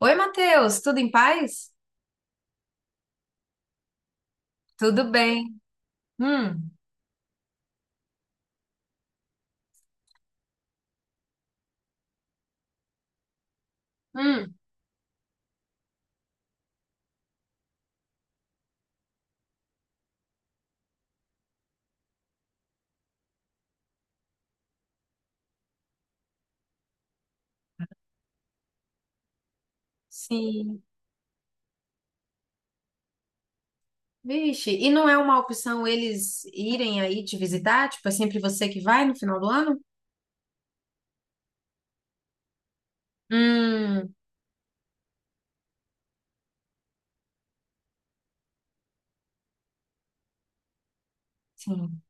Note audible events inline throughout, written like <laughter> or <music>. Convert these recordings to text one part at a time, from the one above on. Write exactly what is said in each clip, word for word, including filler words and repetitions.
Oi, Matheus, tudo em paz? Tudo bem. Hum, Hum, sim. Vixe, e não é uma opção eles irem aí te visitar? Tipo, é sempre você que vai no final do ano? Hum. Sim.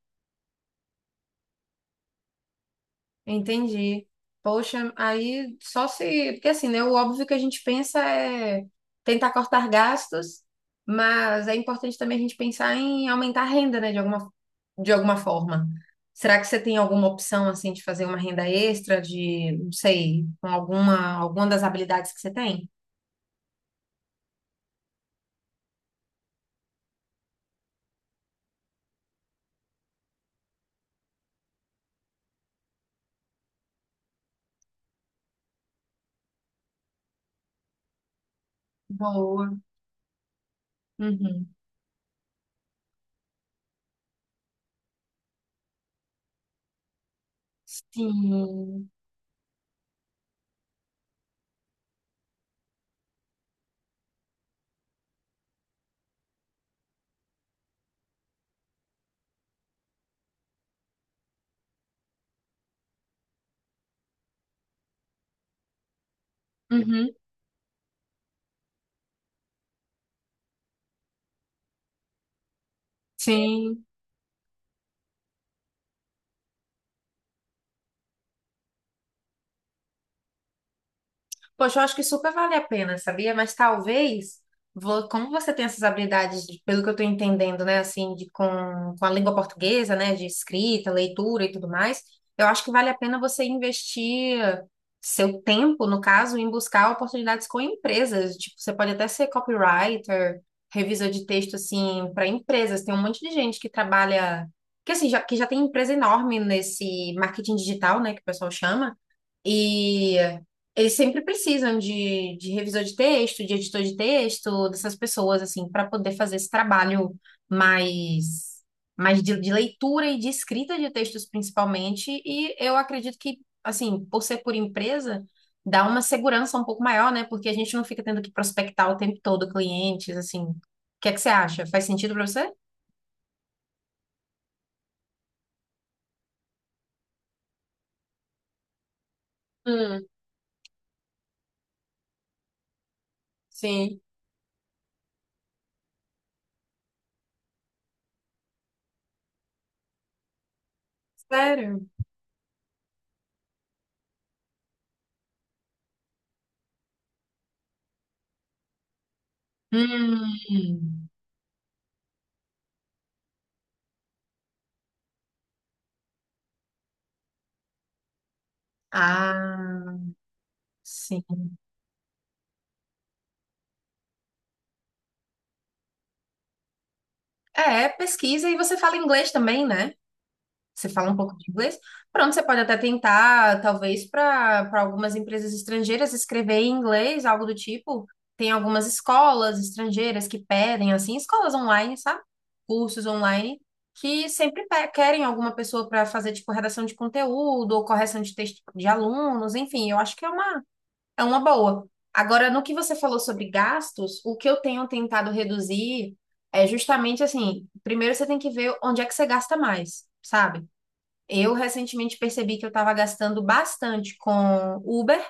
Entendi. Poxa, aí só se. Porque assim, né? O óbvio que a gente pensa é tentar cortar gastos, mas é importante também a gente pensar em aumentar a renda, né? De alguma, de alguma forma. Será que você tem alguma opção, assim, de fazer uma renda extra, de, não sei, com alguma, alguma das habilidades que você tem? Boa. Uhum. Sim. Uhum. Sim. Poxa, eu acho que super vale a pena, sabia? Mas talvez, vo- como você tem essas habilidades, de- pelo que eu estou entendendo, né, assim, de, com, com a língua portuguesa, né, de escrita, leitura e tudo mais, eu acho que vale a pena você investir seu tempo, no caso, em buscar oportunidades com empresas. Tipo, você pode até ser copywriter, revisor de texto, assim, para empresas. Tem um monte de gente que trabalha, que assim, já, que já tem empresa enorme nesse marketing digital, né, que o pessoal chama. E eles sempre precisam de, de revisor de texto, de editor de texto, dessas pessoas, assim, para poder fazer esse trabalho mais, mais de, de leitura e de escrita de textos, principalmente. E eu acredito que, assim, por ser por empresa, dá uma segurança um pouco maior, né? Porque a gente não fica tendo que prospectar o tempo todo clientes, assim. O que é que você acha? Faz sentido para você? Hum, sim. Sério? Hum. Ah, sim. É, pesquisa e você fala inglês também, né? Você fala um pouco de inglês. Pronto, você pode até tentar, talvez, para para algumas empresas estrangeiras escrever em inglês, algo do tipo. Tem algumas escolas estrangeiras que pedem, assim, escolas online, sabe? Cursos online, que sempre pe- querem alguma pessoa para fazer, tipo, redação de conteúdo ou correção de texto de alunos, enfim, eu acho que é uma, é uma boa. Agora, no que você falou sobre gastos, o que eu tenho tentado reduzir é justamente assim: primeiro você tem que ver onde é que você gasta mais, sabe? Eu recentemente percebi que eu estava gastando bastante com Uber,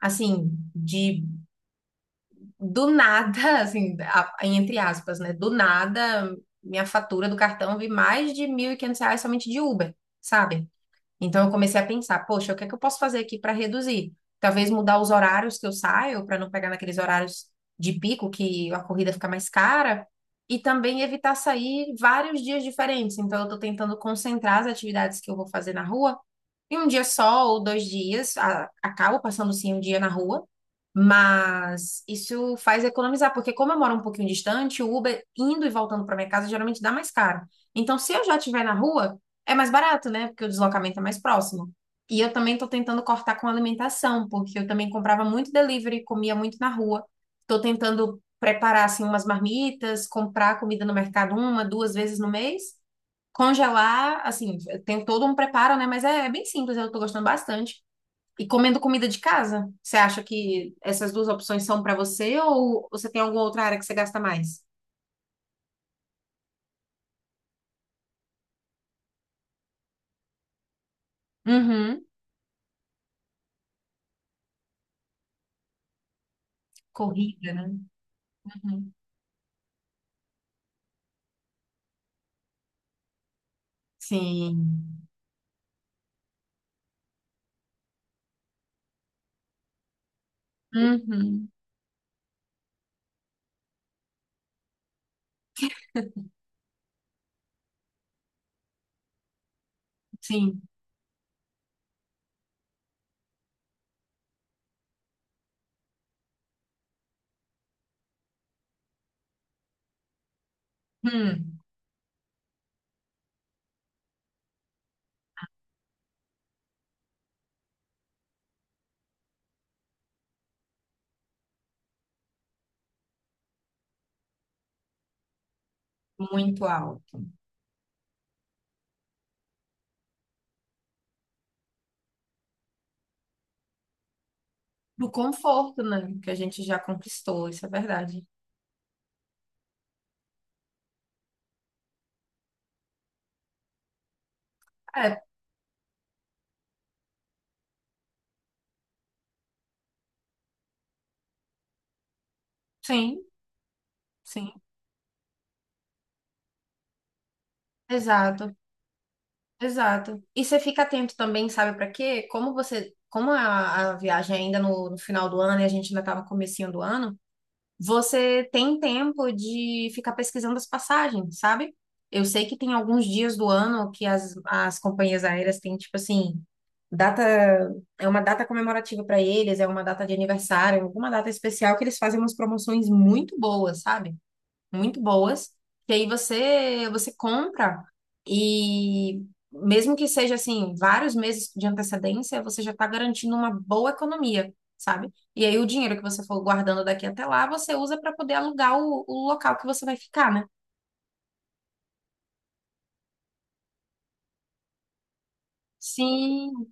assim, de do nada, <laughs> assim, a- entre aspas, né? Do nada, minha fatura do cartão vi mais de mil e quinhentos reais somente de Uber, sabe? Então eu comecei a pensar, poxa, o que é que eu posso fazer aqui para reduzir? Talvez mudar os horários que eu saio para não pegar naqueles horários de pico que a corrida fica mais cara e também evitar sair vários dias diferentes. Então eu estou tentando concentrar as atividades que eu vou fazer na rua e um dia só ou dois dias, a- acabo passando sim um dia na rua, mas isso faz economizar, porque como eu moro um pouquinho distante, o Uber indo e voltando para minha casa geralmente dá mais caro. Então, se eu já estiver na rua, é mais barato, né? Porque o deslocamento é mais próximo. E eu também estou tentando cortar com alimentação, porque eu também comprava muito delivery, comia muito na rua. Estou tentando preparar assim umas marmitas, comprar comida no mercado uma, duas vezes no mês. Congelar, assim, tem todo um preparo, né? Mas é, é bem simples, eu tô gostando bastante. E comendo comida de casa, você acha que essas duas opções são pra você ou você tem alguma outra área que você gasta mais? Uhum. Corrida, né? Uhum. Sim. Uhum. Sim. Hum. Muito alto. Do conforto, né? Que a gente já conquistou, isso é verdade. É, sim, sim. Exato. Exato. E você fica atento também, sabe para quê? Como você, como a, a viagem é ainda no, no final do ano e a gente ainda tá no comecinho do ano, você tem tempo de ficar pesquisando as passagens, sabe? Eu sei que tem alguns dias do ano que as, as companhias aéreas têm, tipo assim, data, é uma data comemorativa para eles, é uma data de aniversário, é alguma data especial que eles fazem umas promoções muito boas, sabe? Muito boas, que aí você você compra e mesmo que seja assim vários meses de antecedência, você já está garantindo uma boa economia, sabe? E aí o dinheiro que você for guardando daqui até lá, você usa para poder alugar o, o local que você vai ficar, né? Sim,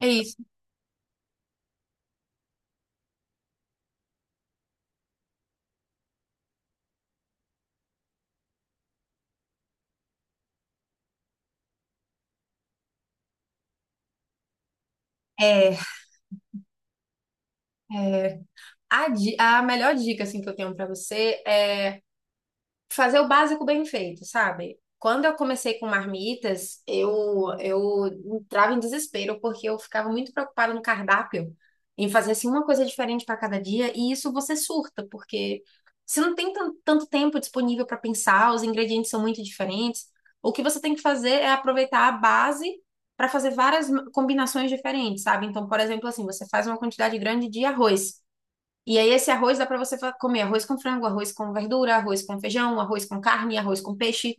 é isso. É, é, a, di- a melhor dica assim que eu tenho para você é fazer o básico bem feito, sabe? Quando eu comecei com marmitas, eu, eu entrava em desespero, porque eu ficava muito preocupada no cardápio, em fazer assim uma coisa diferente para cada dia, e isso você surta, porque você não tem tan- tanto tempo disponível para pensar, os ingredientes são muito diferentes. O que você tem que fazer é aproveitar a base para fazer várias m- combinações diferentes, sabe? Então, por exemplo, assim, você faz uma quantidade grande de arroz. E aí esse arroz dá para você fa- comer arroz com frango, arroz com verdura, arroz com feijão, arroz com carne, arroz com peixe,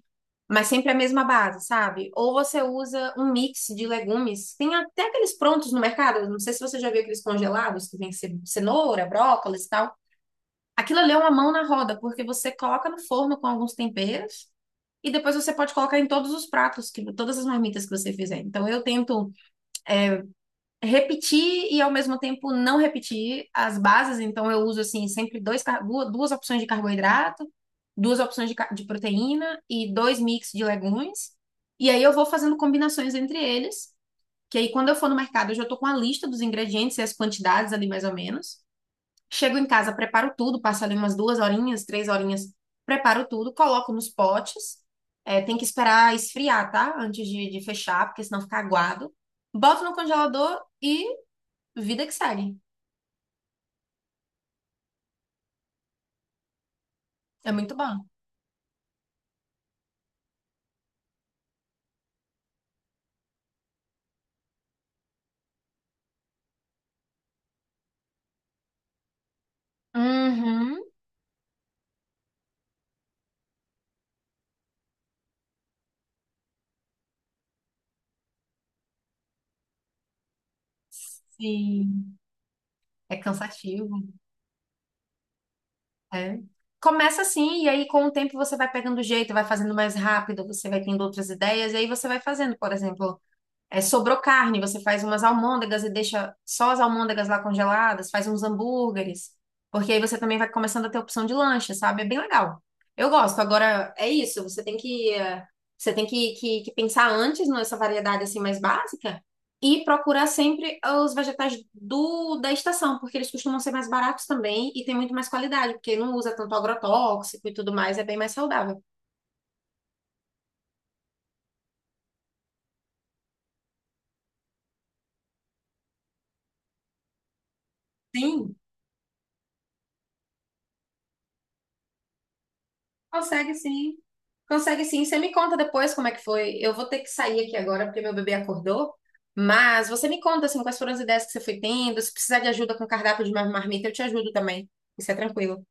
mas sempre a mesma base, sabe? Ou você usa um mix de legumes. Tem até aqueles prontos no mercado, não sei se você já viu aqueles congelados que vem ce- cenoura, brócolis e tal. Aquilo ali é uma mão na roda, porque você coloca no forno com alguns temperos e depois você pode colocar em todos os pratos, que, todas as marmitas que você fizer. Então eu tento repetir e ao mesmo tempo não repetir as bases. Então eu uso assim sempre dois, duas opções de carboidrato, duas opções de, de proteína e dois mix de legumes. E aí eu vou fazendo combinações entre eles, que aí quando eu for no mercado eu já estou com a lista dos ingredientes e as quantidades ali mais ou menos. Chego em casa, preparo tudo, passo ali umas duas horinhas, três horinhas, preparo tudo, coloco nos potes. É, tem que esperar esfriar, tá? Antes de, de fechar, porque senão fica aguado. Boto no congelador e vida que segue. É muito bom. Uhum. Sim. É cansativo. É. Começa assim, e aí com o tempo você vai pegando jeito, vai fazendo mais rápido, você vai tendo outras ideias, e aí você vai fazendo, por exemplo. É, sobrou carne, você faz umas almôndegas e deixa só as almôndegas lá congeladas, faz uns hambúrgueres, porque aí você também vai começando a ter opção de lanche, sabe? É bem legal. Eu gosto. Agora, é isso, você tem que, eh, você tem que, que, que pensar antes nessa variedade assim mais básica e procurar sempre os vegetais do, da estação, porque eles costumam ser mais baratos também e tem muito mais qualidade, porque não usa tanto agrotóxico e tudo mais, é bem mais saudável. Sim. Consegue sim. Consegue sim. Você me conta depois como é que foi. Eu vou ter que sair aqui agora porque meu bebê acordou. Mas você me conta assim quais foram as ideias que você foi tendo. Se precisar de ajuda com cardápio de mar- marmita, eu te ajudo também. Isso é tranquilo.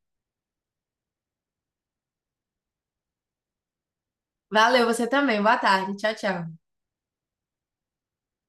Valeu, você também. Boa tarde. Tchau, tchau.